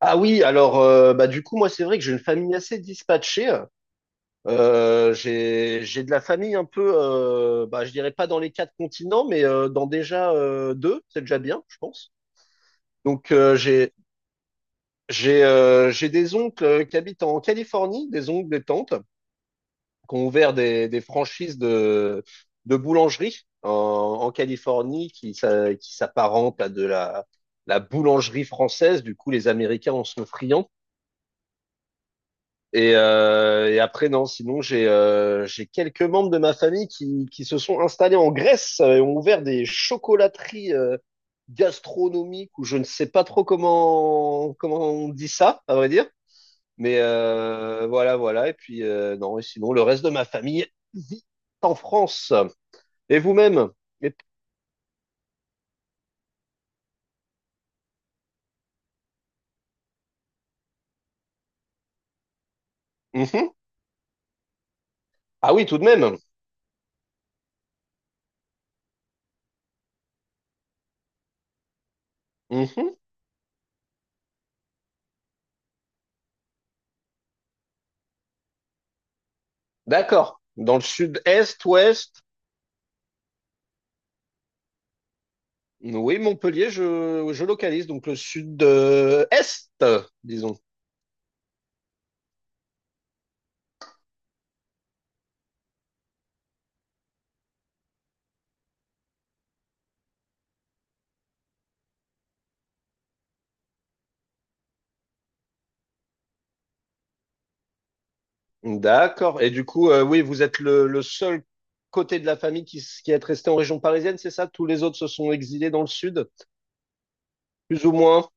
Ah oui, alors bah du coup moi c'est vrai que j'ai une famille assez dispatchée. J'ai de la famille un peu, bah je dirais pas dans les quatre continents, mais dans déjà deux, c'est déjà bien, je pense. Donc j'ai des oncles qui habitent en Californie, des oncles, des tantes qui ont ouvert des franchises de boulangerie en Californie qui s'apparentent à de la boulangerie française. Du coup les Américains en sont friands. Et après, non, sinon, j'ai quelques membres de ma famille qui se sont installés en Grèce et ont ouvert des chocolateries gastronomiques ou je ne sais pas trop comment on dit ça, à vrai dire. Mais voilà, voilà. Et puis, non, et sinon, le reste de ma famille vit en France. Et vous-même? Et- Mhm. Ah oui, tout de même. Mhm. D'accord. Dans le sud-est, ouest, Oui, Montpellier, je localise, donc le sud-est, disons. D'accord. Et du coup, oui, vous êtes le seul côté de la famille qui est resté en région parisienne, c'est ça? Tous les autres se sont exilés dans le sud, plus ou moins?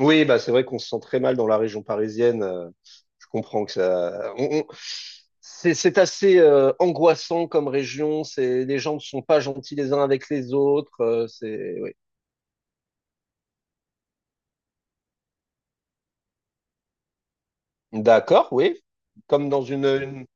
Oui, bah c'est vrai qu'on se sent très mal dans la région parisienne. Je comprends que ça. C'est assez angoissant comme région. C'est les gens ne sont pas gentils les uns avec les autres. C'est oui. D'accord, oui. Comme dans une,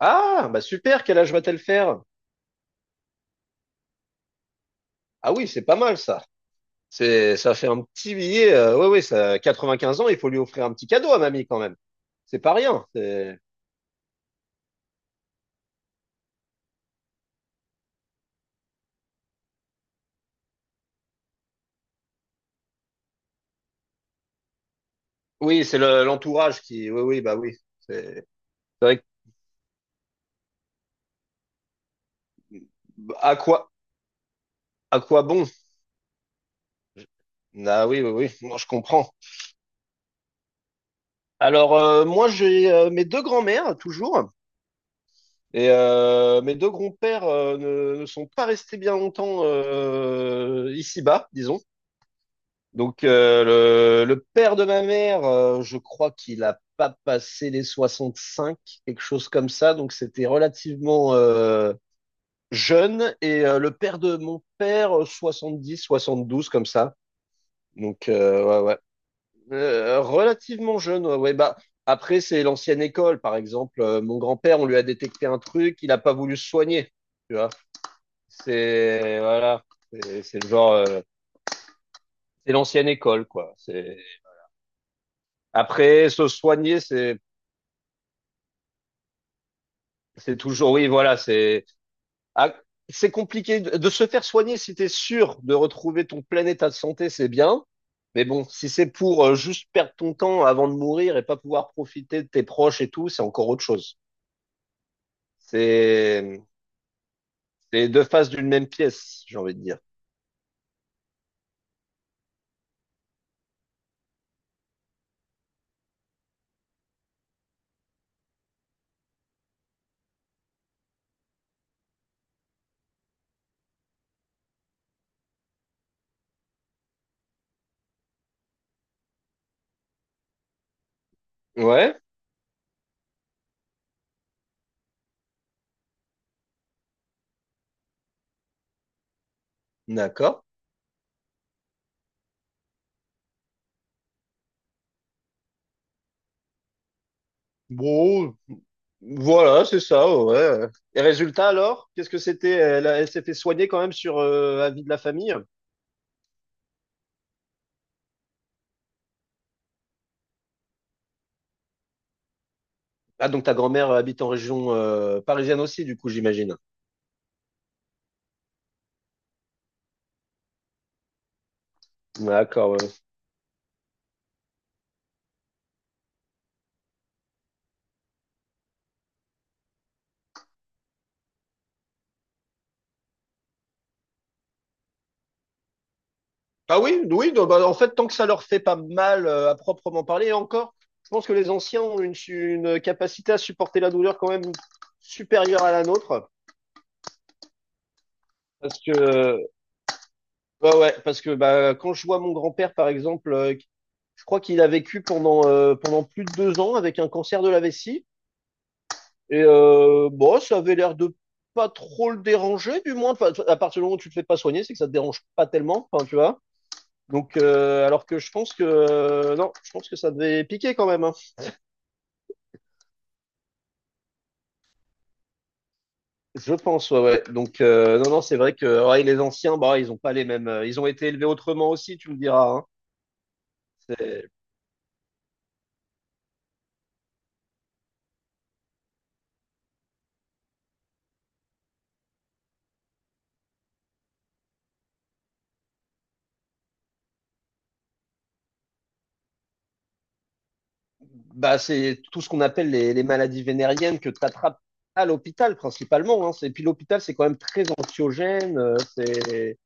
Ah, bah super, quel âge va-t-elle faire? Ah oui, c'est pas mal ça. C'est, ça fait un petit billet. Oui, oui, ça, 95 ans, il faut lui offrir un petit cadeau à mamie quand même. C'est pas rien. Oui, c'est l'entourage qui. Oui, oui, bah oui. C'est vrai que, à quoi, à quoi bon? Ah oui, oui, oui. Moi, je comprends. Alors, moi, j'ai mes deux grands-mères toujours, et mes deux grands-pères ne sont pas restés bien longtemps ici-bas, disons. Donc, le père de ma mère, je crois qu'il a pas passé les 65, quelque chose comme ça. Donc, c'était relativement jeune. Et le père de mon père, 70, 72, comme ça. Donc, ouais, ouais. Relativement jeune, ouais, ouais. Bah, après, c'est l'ancienne école, par exemple. Mon grand-père, on lui a détecté un truc, il n'a pas voulu se soigner. Tu vois, c'est, voilà, c'est le genre, c'est l'ancienne école, quoi. C'est. Après, se soigner, c'est toujours oui, voilà, c'est ah, c'est compliqué de se faire soigner si t'es sûr de retrouver ton plein état de santé, c'est bien. Mais bon, si c'est pour juste perdre ton temps avant de mourir et pas pouvoir profiter de tes proches et tout, c'est encore autre chose. C'est c'est deux faces d'une même pièce, j'ai envie de dire. Ouais, d'accord. Bon, voilà, c'est ça, ouais. Et résultat alors, qu'est-ce que c'était? Elle s'est fait soigner quand même sur avis de la famille? Ah, donc ta grand-mère habite en région parisienne aussi, du coup, j'imagine. D'accord, ouais. Ah oui, oui, non, bah, en fait, tant que ça leur fait pas mal à proprement parler, et encore, je pense que les anciens ont une capacité à supporter la douleur quand même supérieure à la nôtre. Parce que, bah ouais, parce que bah, quand je vois mon grand-père, par exemple, je crois qu'il a vécu pendant plus de 2 ans avec un cancer de la vessie. Et bon, ça avait l'air de pas trop le déranger, du moins. Enfin, à partir du moment où tu te fais pas soigner, c'est que ça te dérange pas tellement, enfin, tu vois. Donc, alors que je pense que non, je pense que ça devait piquer quand même. Hein. Je pense, ouais, ouais. Donc, non, non, c'est vrai que ouais, les anciens, bah, ils ont pas les mêmes. Ils ont été élevés autrement aussi, tu me diras. Hein. C'est, bah, c'est tout ce qu'on appelle les maladies vénériennes que tu attrapes à l'hôpital principalement. Hein. Et puis l'hôpital, c'est quand même très anxiogène. C'est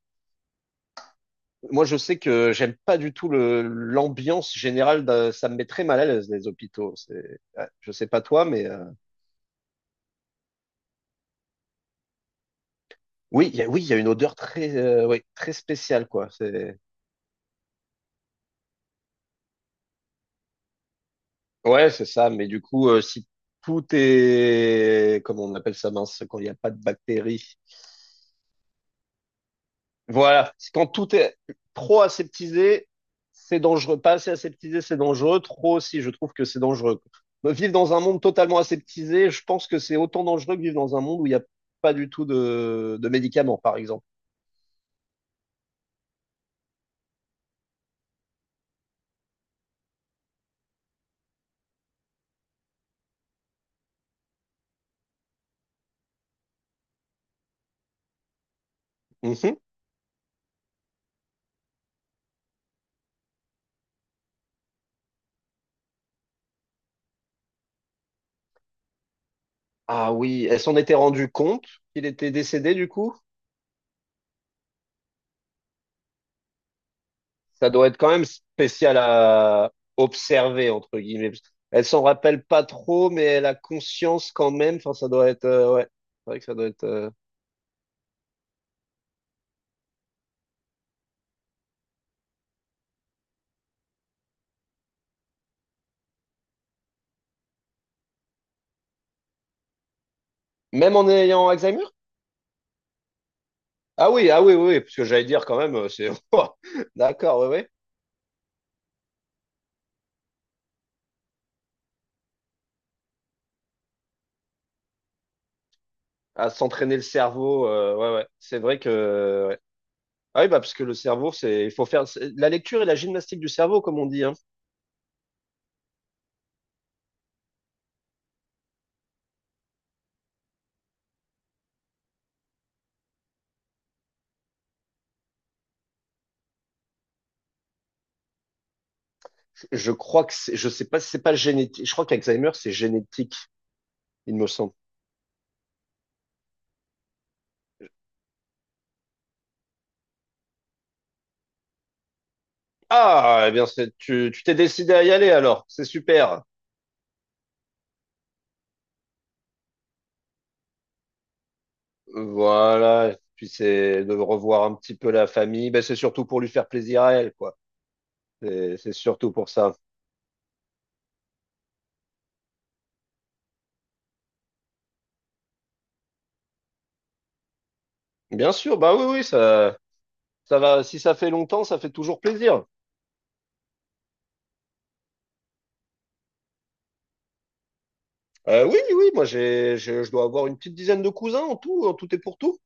Moi, je sais que j'aime pas du tout l'ambiance générale. Ça me met très mal à l'aise, les hôpitaux. C'est, ouais, je sais pas toi, mais oui, il y a, oui, il y a une odeur très, oui, très spéciale, quoi. C'est, ouais, c'est ça. Mais du coup, si tout est, comment on appelle ça, mince, quand il n'y a pas de bactéries, Voilà, c'est quand tout est trop aseptisé, c'est dangereux. Pas assez aseptisé, c'est dangereux. Trop aussi, je trouve que c'est dangereux. Bah, vivre dans un monde totalement aseptisé, je pense que c'est autant dangereux que vivre dans un monde où il n'y a pas du tout de médicaments, par exemple. Mhm. Ah oui, elle s'en était rendue compte qu'il était décédé du coup. Ça doit être quand même spécial à observer, entre guillemets. Elle s'en rappelle pas trop, mais elle a conscience quand même. Enfin, ça doit être, ouais. C'est vrai que ça doit être. Même en ayant Alzheimer? Ah oui, ah oui, oui, oui, parce que j'allais dire quand même, c'est Ouah, d'accord, oui, oui. À s'entraîner le cerveau, ouais, ouais. C'est vrai que, ouais. Ah oui, bah parce que le cerveau, c'est, il faut faire la lecture et la gymnastique du cerveau, comme on dit, hein. Je crois que c'est, je sais pas, si c'est pas génétique. Je crois qu'Alzheimer, c'est génétique, il me semble. Ah, eh bien, c'est, tu t'es décidé à y aller alors, c'est super. Voilà, puis c'est de revoir un petit peu la famille. Ben, c'est surtout pour lui faire plaisir à elle, quoi. C'est surtout pour ça. Bien sûr, bah oui, oui, ça va. Si ça fait longtemps, ça fait toujours plaisir. Oui, oui, moi j'ai, je dois avoir une petite dizaine de cousins en tout et pour tout.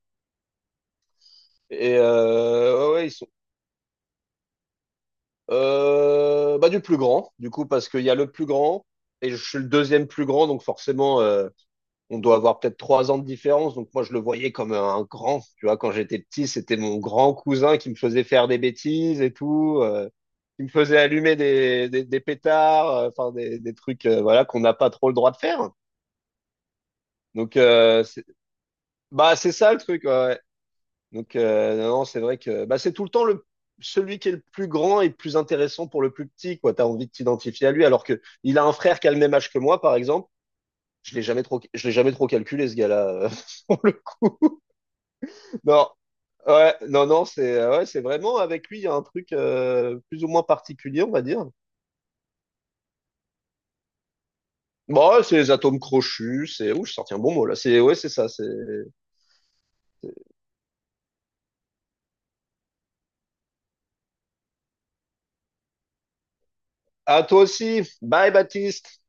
Et ouais, ouais, ils sont. Bah du plus grand, du coup, parce qu'il y a le plus grand et je suis le deuxième plus grand, donc forcément, on doit avoir peut-être 3 ans de différence. Donc moi, je le voyais comme un grand. Tu vois, quand j'étais petit, c'était mon grand cousin qui me faisait faire des bêtises et tout, qui me faisait allumer des pétards, enfin des trucs, voilà, qu'on n'a pas trop le droit de faire. Donc bah c'est ça le truc. Ouais. Ouais. Donc non, non, c'est vrai que bah c'est tout le temps le celui qui est le plus grand et le plus intéressant pour le plus petit. Quoi, t'as envie de t'identifier à lui, alors que il a un frère qui a le même âge que moi, par exemple. Je l'ai jamais trop calculé ce gars-là. Non, ouais, non, non, c'est ouais, c'est vraiment avec lui, il y a un truc plus ou moins particulier, on va dire. Bon, ouais, c'est les atomes crochus, c'est. Ouh, j'ai sorti un bon mot là. C'est ouais, c'est ça. C'est. À toi aussi. Bye, Baptiste.